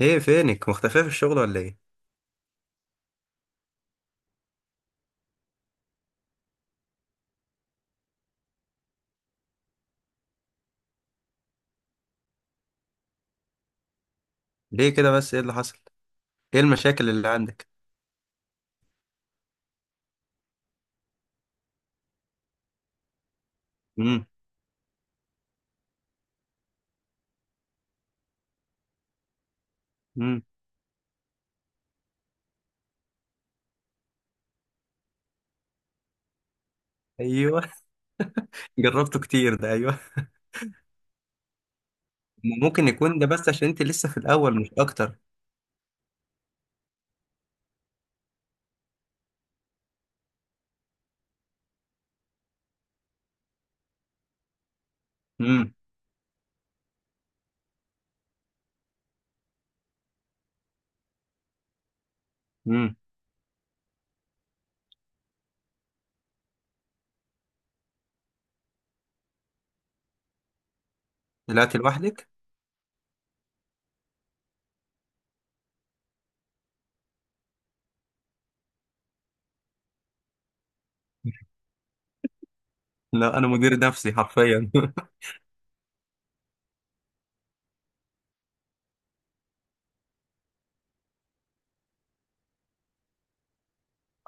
ايه فينك مختفية في الشغل ولا ايه؟ ليه كده بس؟ ايه اللي حصل؟ ايه المشاكل اللي عندك؟ امم. امم. ايوه. جربته كتير ده، ايوه. ممكن يكون ده بس عشان انت لسه في الاول، مش اكتر. امم. امم. طلعت لوحدك؟ لا انا مدير نفسي حرفيا.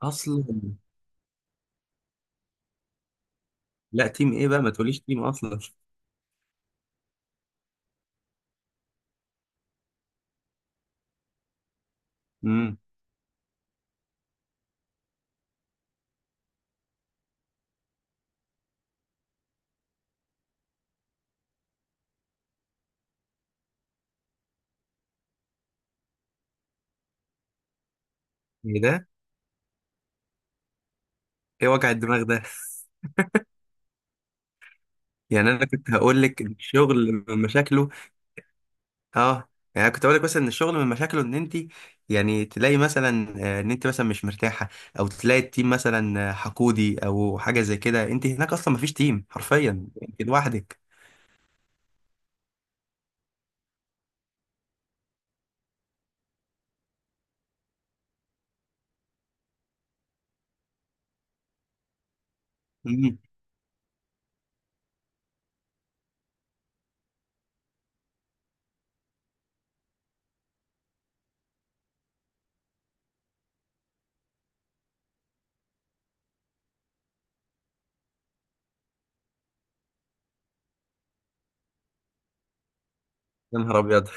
اصلا لا، تيم ايه بقى؟ ما تقوليش تيم اصلا. امم. ايه ده؟ ايه وجع الدماغ ده؟ يعني انا كنت هقول لك الشغل مشاكله. اه، يعني أنا كنت اقول لك مثلا ان الشغل من مشاكله ان انت، يعني تلاقي مثلا ان انت مثلا مش مرتاحه، او تلاقي التيم مثلا حقودي او حاجه زي كده. انت هناك اصلا مفيش تيم حرفيا، انت لوحدك. مم. يا نهار ابيض.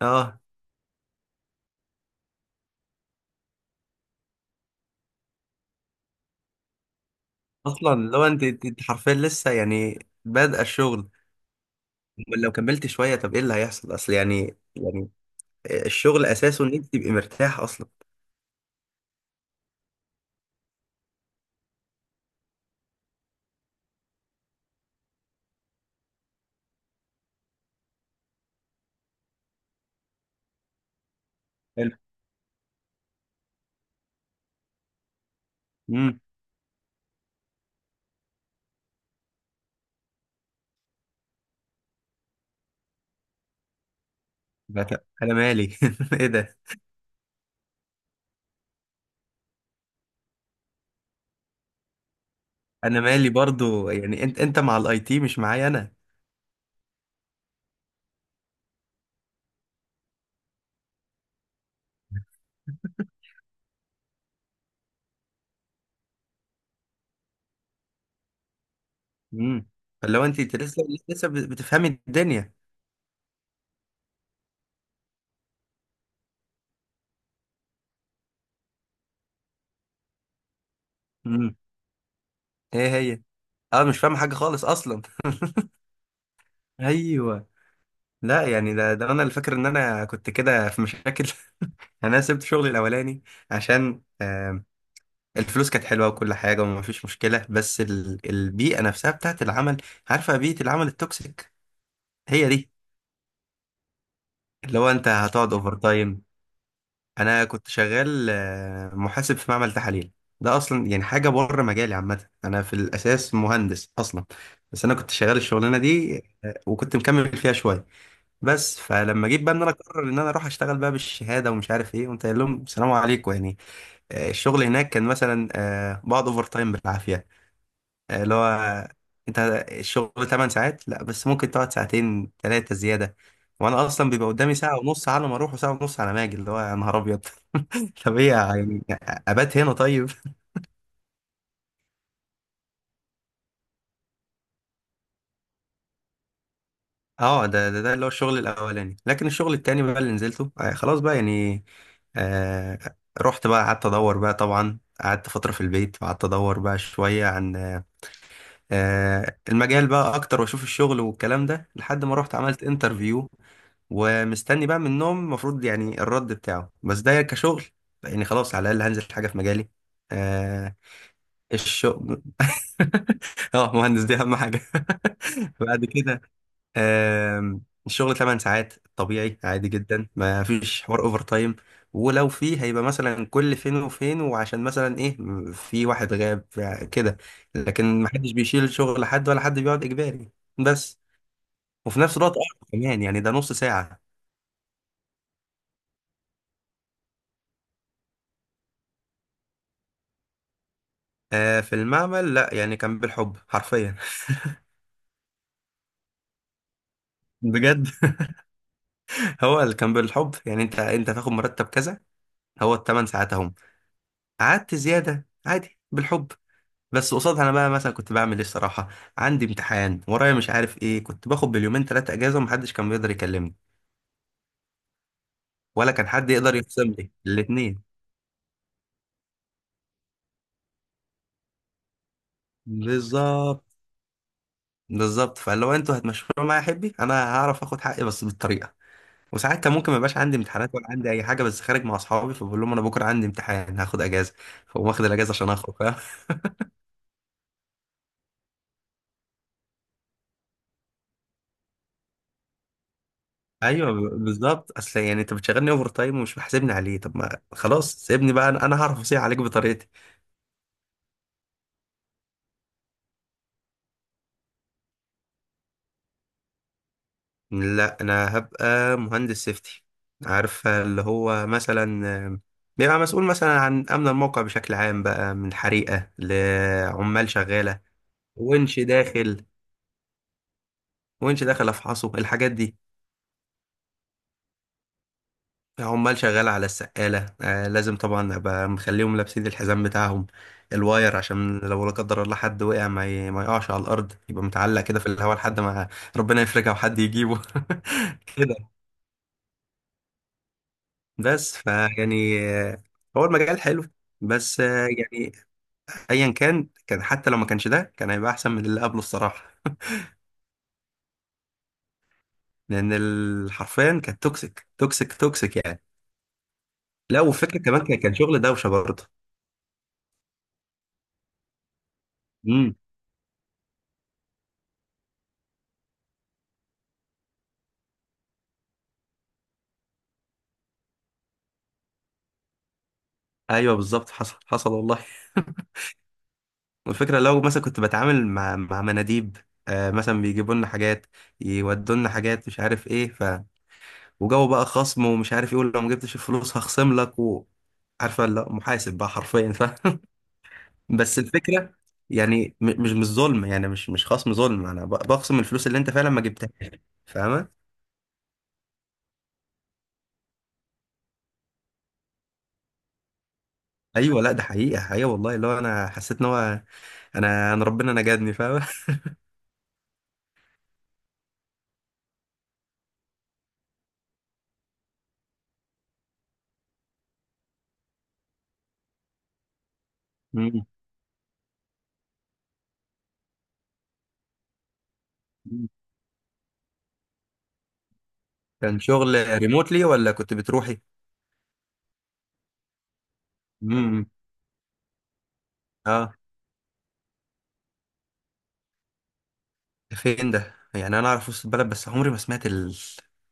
اه اصلا، لو انت أنت حرفيا لسه، يعني بادئه الشغل، أمال لو كملت شويه؟ طب ايه اللي هيحصل؟ اصل يعني، يعني الشغل اساسه ان انت تبقي مرتاحه اصلا. حلو. امم. انا مالي. ايه ده؟ انا مالي برضو، يعني انت مع الاي تي، مش معايا انا. امم. فاللي هو انت لسه بتفهمي الدنيا. امم. ايه هي؟ اه مش فاهم حاجه خالص اصلا. ايوه. لا يعني ده انا اللي فاكر ان انا كنت كده في مشاكل. انا سبت شغلي الاولاني عشان الفلوس كانت حلوه وكل حاجه، وما فيش مشكله. بس البيئه نفسها بتاعت العمل، عارفه بيئه العمل التوكسيك؟ هي دي. اللي هو انت هتقعد اوفر تايم. انا كنت شغال محاسب في معمل تحاليل. ده اصلا يعني حاجه بره مجالي عامه، انا في الاساس مهندس اصلا. بس انا كنت شغال الشغلانه دي، وكنت مكمل فيها شويه بس. فلما جيت بقى ان انا اقرر ان انا اروح اشتغل بقى بالشهاده ومش عارف ايه، قمت قايل لهم سلام عليكم يعني. الشغل هناك كان مثلا بقعد اوفر تايم بالعافيه. آه، اللي هو آه، انت الشغل 8 ساعات، لا بس ممكن تقعد ساعتين ثلاثه زياده. وانا اصلا بيبقى قدامي ساعه ونص على ما اروح وساعه ونص على ما اجي. اللي هو يا نهار ابيض. طب ايه يعني؟ ابات هنا طيب؟ اه، ده اللي هو الشغل الاولاني. لكن الشغل التاني بقى اللي نزلته، آه خلاص بقى يعني. آه رحت بقى قعدت ادور بقى، طبعا قعدت فترة في البيت وقعدت ادور بقى شوية عن المجال بقى اكتر واشوف الشغل والكلام ده، لحد ما رحت عملت انترفيو. ومستني بقى منهم المفروض يعني الرد بتاعه، بس ده كشغل يعني، خلاص على الاقل هنزل حاجة في مجالي. آه الشغل. اه مهندس، دي اهم حاجة. بعد كده الشغل 8 ساعات طبيعي عادي جدا، ما فيش حوار اوفر تايم. ولو فيه هيبقى مثلا كل فين وفين، وعشان مثلا ايه، في واحد غاب كده. لكن ما حدش بيشيل شغل حد ولا حد بيقعد اجباري بس. وفي نفس الوقت أربع كمان، يعني ده نص ساعة. في المعمل لا، يعني كان بالحب حرفيا. بجد، هو اللي كان بالحب يعني، انت تاخد مرتب كذا، هو ال8 ساعات اهم. قعدت زيادة عادي بالحب. بس قصادها انا بقى مثلا كنت بعمل ايه الصراحه؟ عندي امتحان ورايا مش عارف ايه، كنت باخد باليومين ثلاثه اجازه ومحدش كان بيقدر يكلمني ولا كان حد يقدر يخصم لي الاثنين. بالظبط. بالظبط، فلو انتوا هتمشوا معايا يا حبي، انا هعرف اخد حقي بس بالطريقه. وساعات كان ممكن ما يبقاش عندي امتحانات ولا عندي اي حاجه، بس خارج مع اصحابي، فبقول لهم انا بكره عندي امتحان هاخد اجازه، فاقوم واخد الاجازه عشان اخرج. فاهم؟ ايوه، بالظبط. اصل يعني انت بتشغلني اوفر تايم ومش محاسبني عليه، طب ما خلاص سيبني بقى، أنا هعرف اصيح عليك بطريقتي. لا انا هبقى مهندس سيفتي، عارفه اللي هو مثلا بيبقى مسؤول مثلا عن امن الموقع بشكل عام بقى، من حريقه لعمال شغاله، ونش داخل. ونش داخل افحصه، الحاجات دي. عمال شغاله على السقاله، آه لازم طبعا ابقى مخليهم لابسين الحزام بتاعهم، الواير، عشان لو لا قدر الله حد وقع ما يقعش على الارض، يبقى متعلق كده في الهواء لحد ما ربنا يفرجها وحد يجيبه. كده. بس فيعني هو المجال حلو بس، يعني ايا كان، حتى لو ما كانش ده، كان هيبقى احسن من اللي قبله الصراحه، لان حرفيا كانت توكسيك توكسيك توكسيك يعني. لا، والفكره كمان كان شغل دوشه برضه. امم. ايوه بالظبط، حصل حصل والله. والفكره لو مثلا كنت بتعامل مع مناديب، آه مثلا بيجيبوا لنا حاجات، يودوا لنا حاجات، مش عارف ايه، ف وجو بقى خصم ومش عارف ايه، ولو ما جبتش الفلوس هخصم لك و... عارفه؟ لا محاسب بقى حرفيا، ف بس الفكرة يعني مش ظلم، يعني مش خصم ظلم، انا بخصم الفلوس اللي انت فعلا ما جبتهاش، فاهمة؟ ايوه لا، ده حقيقة حقيقة والله. اللي هو انا حسيت ان هو، انا ربنا نجدني، فاهمة. مم. كان شغل ريموتلي ولا كنت بتروحي؟ امم. اه، ده فين ده؟ يعني انا اعرف وسط البلد بس عمري ما سمعت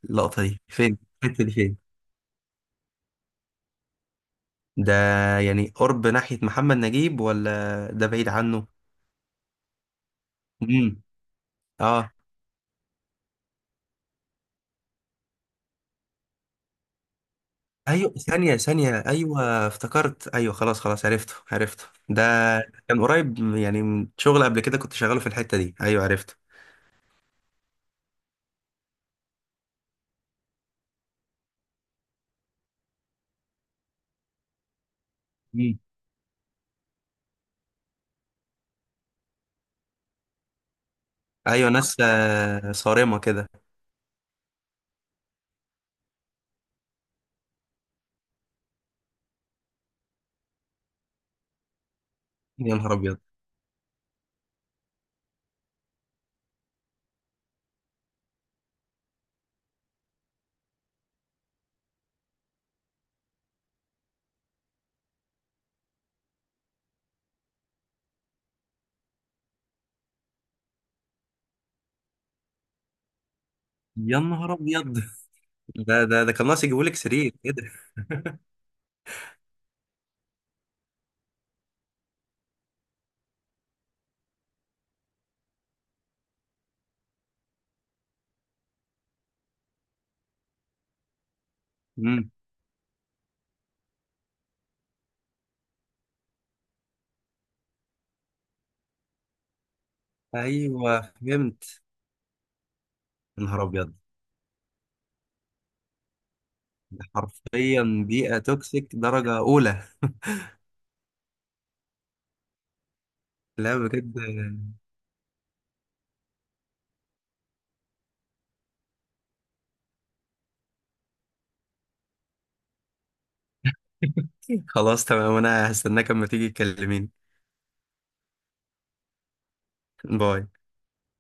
اللقطة دي فين؟ الحتة دي فين؟ ده يعني قرب ناحية محمد نجيب ولا ده بعيد عنه؟ امم. اه ايوه، ثانية ثانية، ايوه افتكرت، ايوه خلاص خلاص، عرفته عرفته ده. كان قريب يعني من شغل قبل كده كنت شغاله في الحتة دي، ايوه عرفته. مم. ايوه، ناس صارمة كده. يا نهار ابيض. يا نهار ابيض. ده كان ناقص يجيبولك سرير كده. امم. ايوه فهمت. يا نهار ابيض، ده حرفيا بيئة توكسيك درجة أولى. لا بجد، خلاص تمام، أنا هستناك أما تيجي تكلميني. باي.